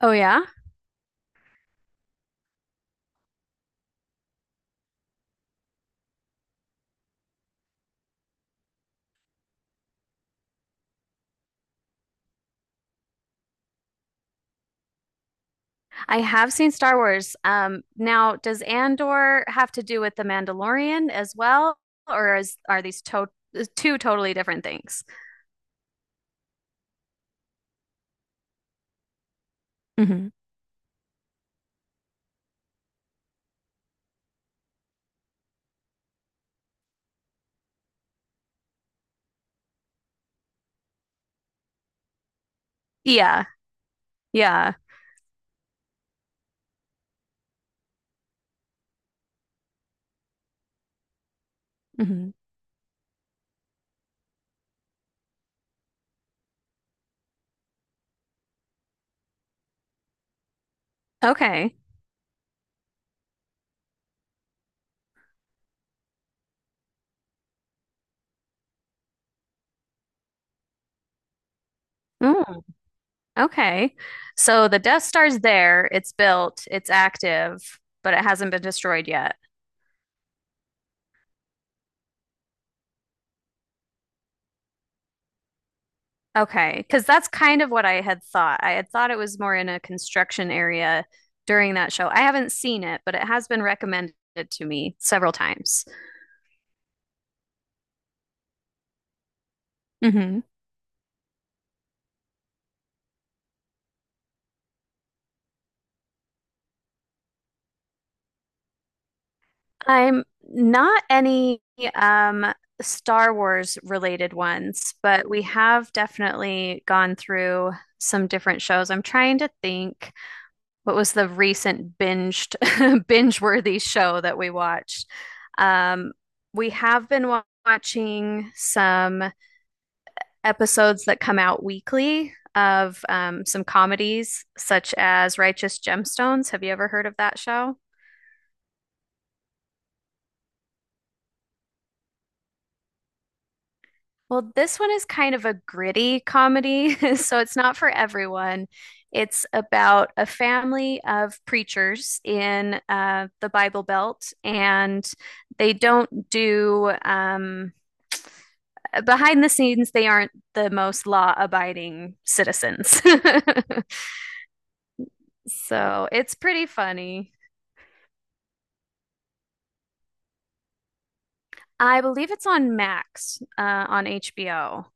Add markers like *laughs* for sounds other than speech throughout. Oh yeah, I have seen Star Wars. Now, does Andor have to do with the Mandalorian as well, or is are these to two totally different things? Hmm. Yeah, yeah. Hmm. Okay. Mm, okay. So the Death Star's there, it's built, it's active, but it hasn't been destroyed yet. Okay, because that's kind of what I had thought. I had thought it was more in a construction area during that show. I haven't seen it, but it has been recommended to me several times. Hmm. I'm not any um, Star Wars related ones, but we have definitely gone through some different shows. I'm trying to think what was the recent binged *laughs* binge-worthy show that we watched. Um, we have been watching some episodes that come out weekly of some comedies such as Righteous Gemstones. Have you ever heard of that show? Well, this one is kind of a gritty comedy, *laughs* so it's not for everyone. It's about a family of preachers in the Bible Belt, and they don't do, behind the scenes, they aren't the most law-abiding citizens. *laughs* So it's pretty funny. I believe it's on Max, on HBO.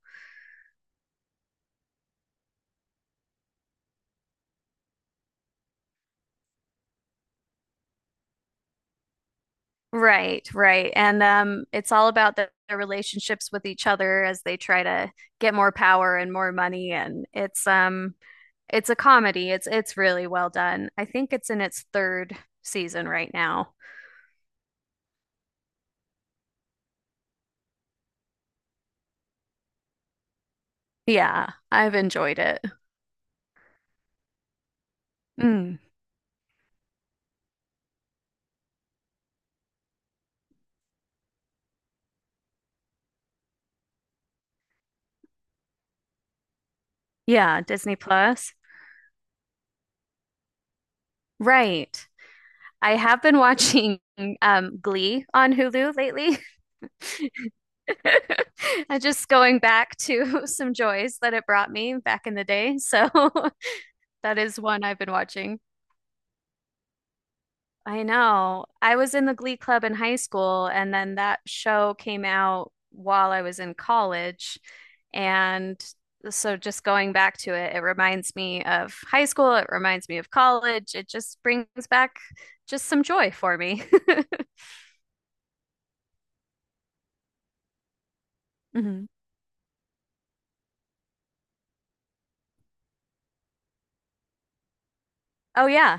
Right, right. And it's all about their relationships with each other as they try to get more power and more money. And it's a comedy. It's really well done. I think it's in its third season right now. Yeah, I've enjoyed it. Mm. Yeah, Disney Plus. Right. I have been *laughs* watching Glee on Hulu lately. *laughs* I'm just going back to *laughs* some joys that it brought me back in the day. So *laughs* that is one I've been watching. I know. I was in the Glee Club in high school, and then that show came out while I was in college. And so, just going back to it, it reminds me of high school. It reminds me of college. It just brings back just some joy for me. *laughs* Hmm. Oh, yeah.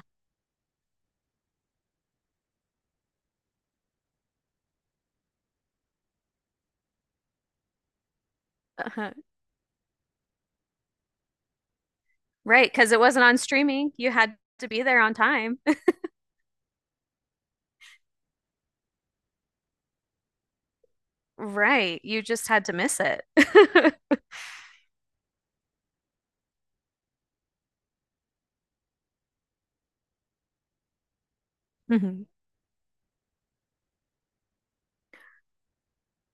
Uh-huh. Right. Because it wasn't on streaming. You had to be there on time. *laughs* Right. You just had to miss it. *laughs* Hmm.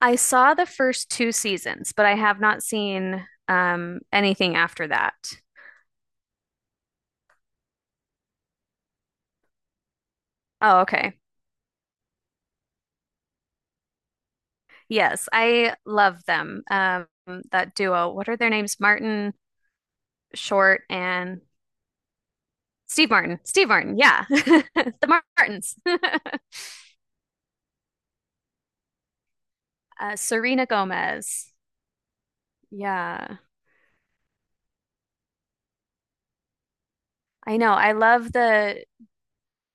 I saw the first two seasons, but I have not seen anything after that. Oh, okay. Yes, I love them. That duo. What are their names? Martin Short and Steve Martin. Steve Martin. Yeah. *laughs* The Martins. *laughs* Serena Gomez. Yeah. I know. I love the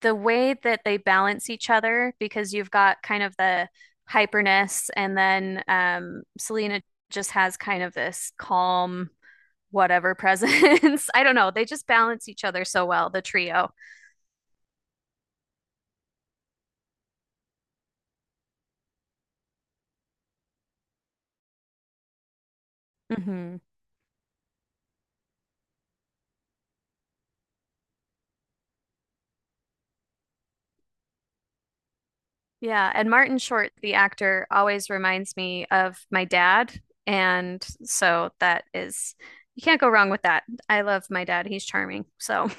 the way that they balance each other because you've got kind of the hyperness and then Selena just has kind of this calm whatever presents. *laughs* I don't know. They just balance each other so well, the trio. Mm-hmm. Yeah. And Martin Short, the actor, always reminds me of my dad. And so that is, you can't go wrong with that. I love my dad. He's charming. So,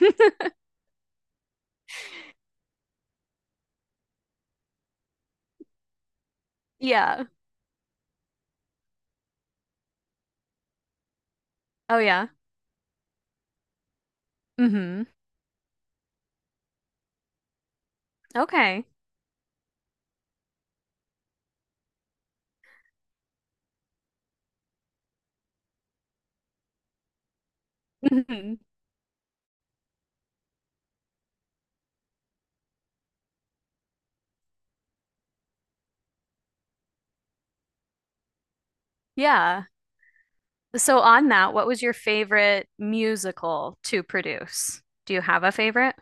*laughs* yeah. Oh, yeah. Mm-hmm. Okay. Hmm. Yeah. So, on that, what was your favorite musical to produce? Do you have a favorite?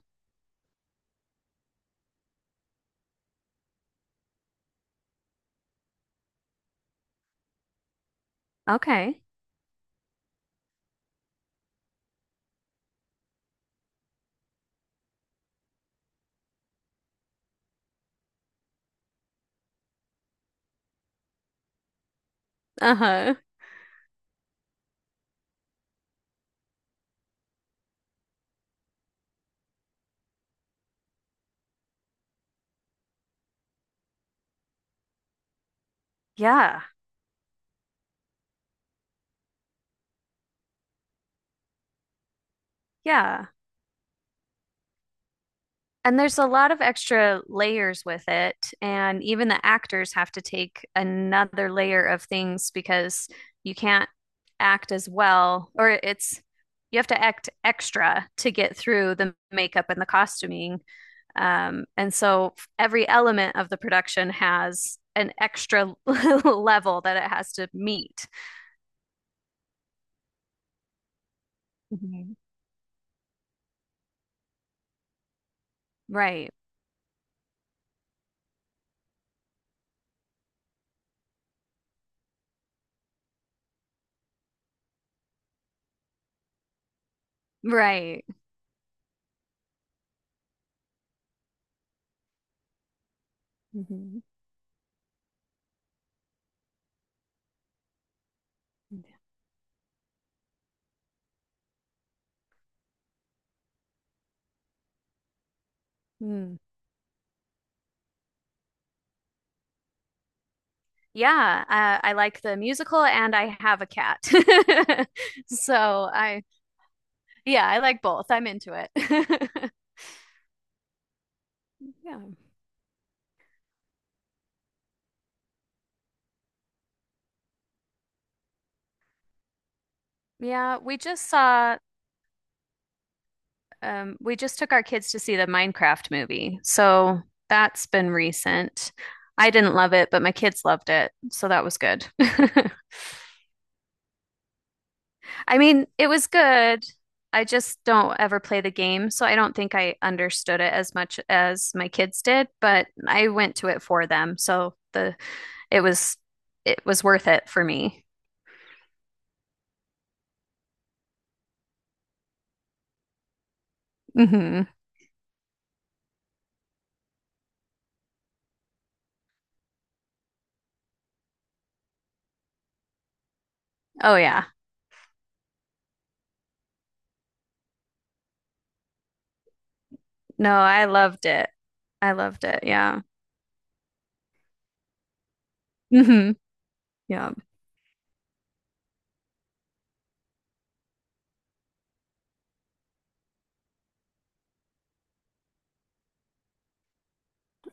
Okay. Uh-huh. Yeah. Yeah. And there's a lot of extra layers with it. And even the actors have to take another layer of things because you can't act as well, or it's you have to act extra to get through the makeup and the costuming. And so every element of the production has an extra *laughs* level that it has to meet. Mhm. Right, right. Mhm. Hmm. Yeah, I like the musical and I have a cat. *laughs* So I, yeah, I like both. I'm into it. *laughs* Yeah. Yeah, we just saw, we just took our kids to see the Minecraft movie. So that's been recent. I didn't love it, but my kids loved it. So that was good. *laughs* I mean, it was good. I just don't ever play the game. So I don't think I understood it as much as my kids did, but I went to it for them. So the it was it was worth it for me. Hmm. Oh yeah. No, I loved it. I loved it. Yeah. Hmm. Yeah.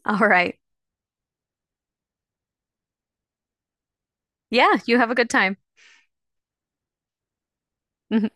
All right. Yeah, you have a good time. Mhm.